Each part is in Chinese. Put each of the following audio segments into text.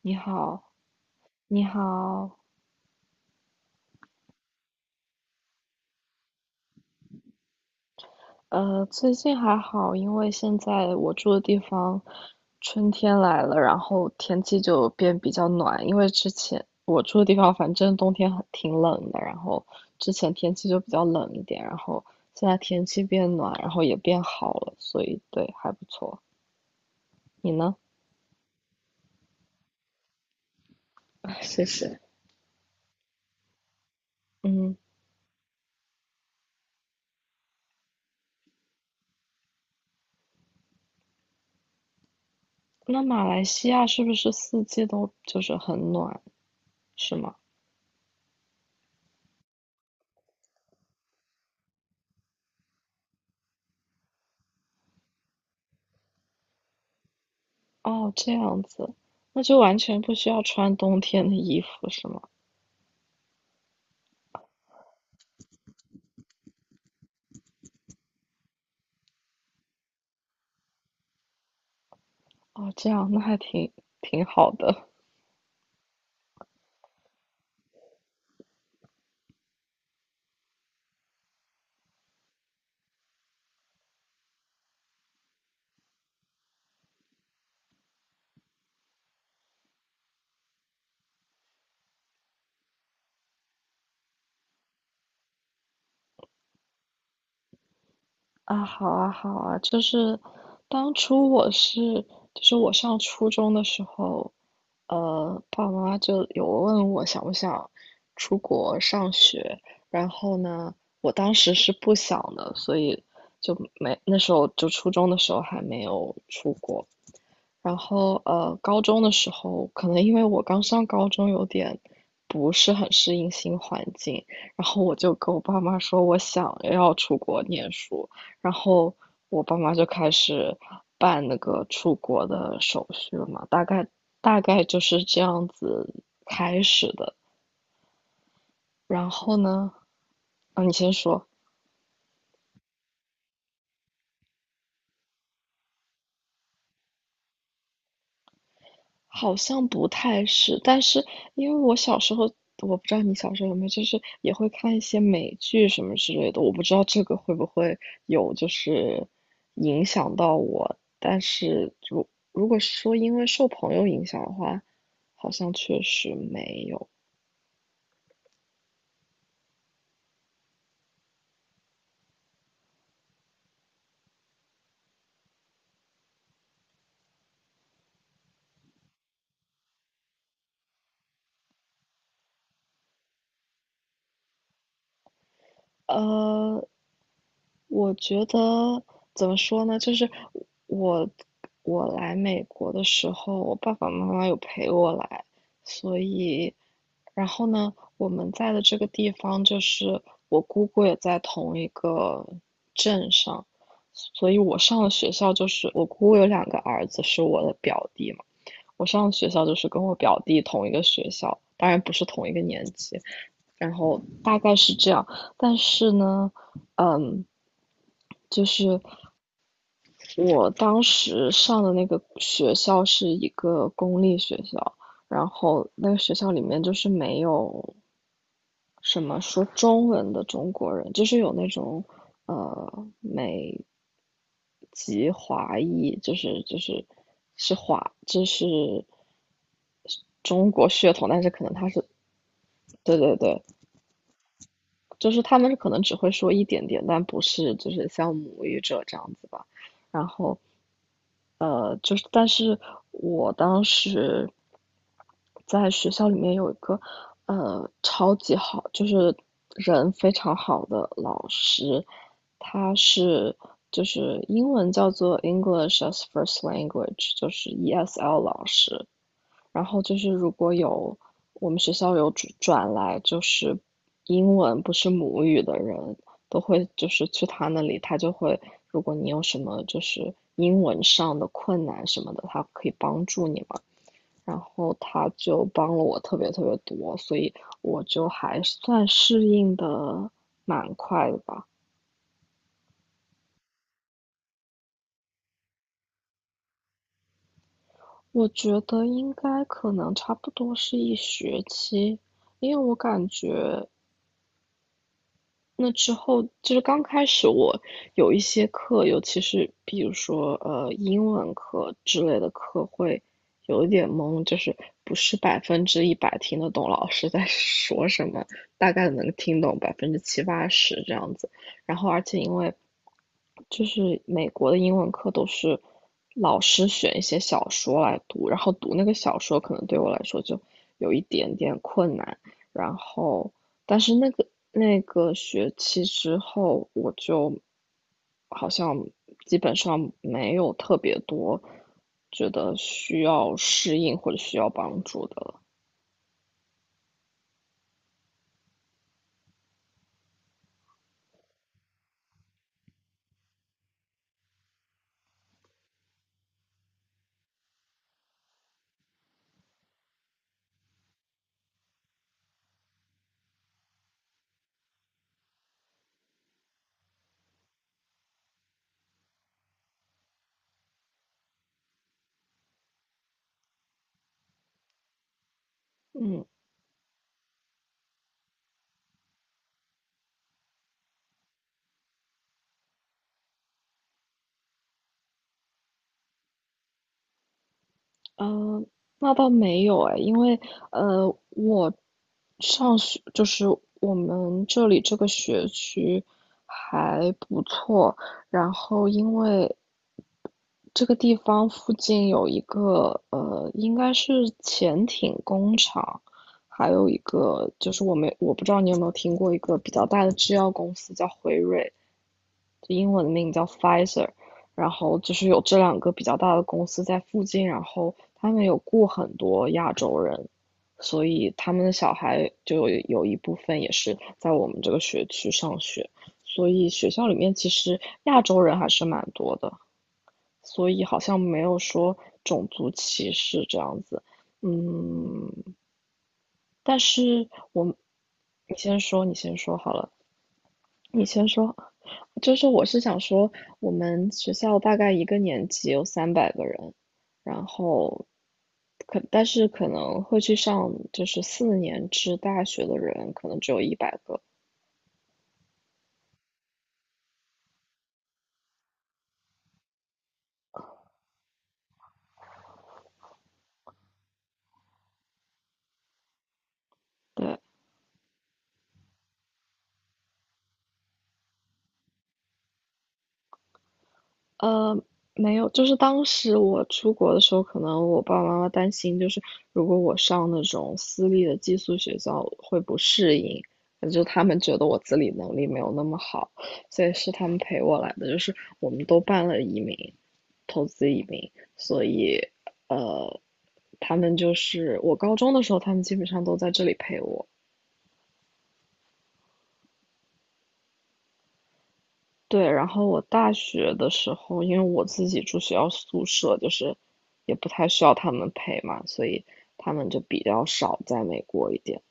你好，你好。最近还好。因为现在我住的地方春天来了，然后天气就变比较暖。因为之前我住的地方反正冬天挺冷的，然后之前天气就比较冷一点，然后现在天气变暖，然后也变好了，所以对，还不错。你呢？谢谢。嗯，那马来西亚是不是四季都就是很暖，是吗？哦，这样子，那就完全不需要穿冬天的衣服是吗？哦，这样那还挺好的。啊，好啊，好啊，就是当初我是，就是我上初中的时候，爸爸妈妈就有问我想不想出国上学。然后呢，我当时是不想的，所以就没，那时候就初中的时候还没有出国。然后高中的时候，可能因为我刚上高中，有点不是很适应新环境，然后我就跟我爸妈说我想要出国念书，然后我爸妈就开始办那个出国的手续了嘛。大概就是这样子开始的。然后呢，啊，你先说。好像不太是，但是因为我小时候，我不知道你小时候有没有，就是也会看一些美剧什么之类的，我不知道这个会不会有就是影响到我。但是如果是说因为受朋友影响的话，好像确实没有。呃，我觉得怎么说呢？就是我我来美国的时候，我爸爸妈妈有陪我来，所以然后呢，我们在的这个地方就是我姑姑也在同一个镇上。所以我上的学校就是我姑姑有2个儿子是我的表弟嘛，我上的学校就是跟我表弟同一个学校，当然不是同一个年级。然后大概是这样。但是呢，嗯，就是我当时上的那个学校是一个公立学校，然后那个学校里面就是没有什么说中文的中国人，就是有那种美籍华裔，就是是华，就是中国血统，但是可能他是，对对对，就是他们可能只会说一点点，但不是就是像母语者这样子吧。然后，就是但是我当时在学校里面有一个超级好，就是人非常好的老师。他是就是英文叫做 English as First Language，就是 ESL 老师。然后就是如果有我们学校有转来就是英文不是母语的人，都会就是去他那里，他就会，如果你有什么就是英文上的困难什么的，他可以帮助你嘛。然后他就帮了我特别特别多，所以我就还算适应的蛮快的吧。我觉得应该可能差不多是1学期。因为我感觉那之后就是刚开始我有一些课，尤其是比如说英文课之类的课会有一点懵，就是不是100%听得懂老师在 说什么，大概能听懂70%-80%这样子。然后而且因为就是美国的英文课都是老师选一些小说来读，然后读那个小说可能对我来说就有一点点困难。然后，但是那个学期之后，我就好像基本上没有特别多觉得需要适应或者需要帮助的了。嗯，呃，那倒没有哎。因为我上学就是我们这里这个学区还不错。然后因为这个地方附近有一个应该是潜艇工厂，还有一个就是我不知道你有没有听过一个比较大的制药公司叫辉瑞，就英文名叫 Pfizer。然后就是有这两个比较大的公司在附近，然后他们有雇很多亚洲人，所以他们的小孩就有一部分也是在我们这个学区上学，所以学校里面其实亚洲人还是蛮多的。所以好像没有说种族歧视这样子。嗯，但是我，你先说，你先说好了，你先说。就是我是想说，我们学校大概一个年级有300个人，然后但是可能会去上就是四年制大学的人，可能只有100个。对，呃，没有，就是当时我出国的时候，可能我爸爸妈妈担心，就是如果我上那种私立的寄宿学校会不适应，就他们觉得我自理能力没有那么好，所以是他们陪我来的，就是我们都办了移民，投资移民。所以呃，他们就是我高中的时候，他们基本上都在这里陪我。对，然后我大学的时候，因为我自己住学校宿舍，就是也不太需要他们陪嘛，所以他们就比较少在美国一点。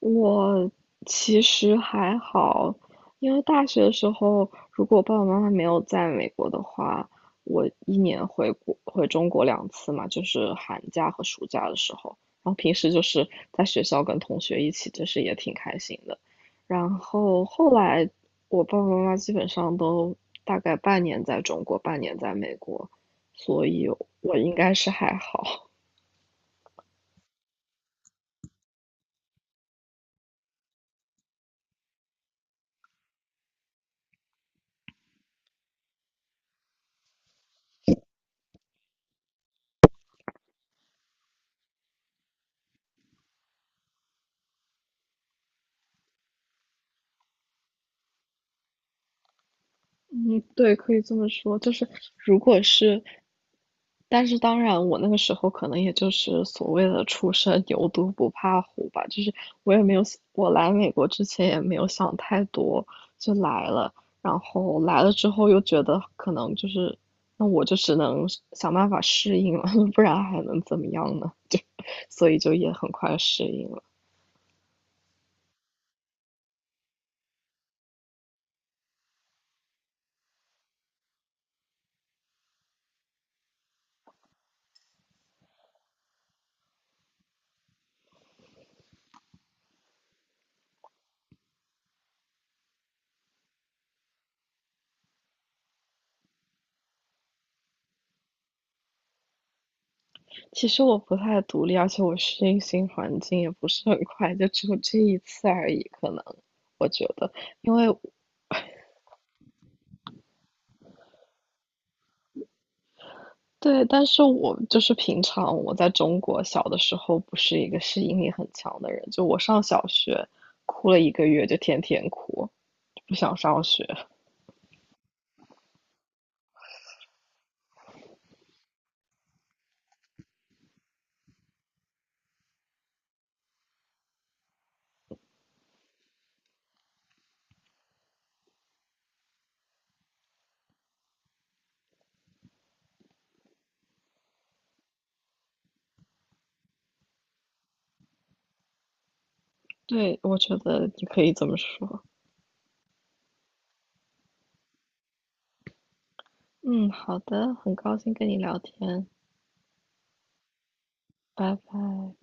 我其实还好，因为大学的时候，如果我爸爸妈妈没有在美国的话，我1年回中国2次嘛，就是寒假和暑假的时候，然后平时就是在学校跟同学一起，就是也挺开心的。然后后来我爸爸妈妈基本上都大概半年在中国，半年在美国，所以我应该是还好。嗯，对，可以这么说，就是如果是，但是当然，我那个时候可能也就是所谓的初生牛犊不怕虎吧，就是我也没有，我来美国之前也没有想太多，就来了。然后来了之后又觉得可能就是，那我就只能想办法适应了。不然还能怎么样呢？就，所以就也很快适应了。其实我不太独立，而且我适应新环境也不是很 快，就只有这一次而已。可能我觉得，因为对，但是我就是平常我在中国小的时候不是一个适应力很强的人，就我上小学哭了1个月，就天天哭，就不想上学。对，我觉得你可以这么说。嗯，好的，很高兴跟你聊天。拜拜。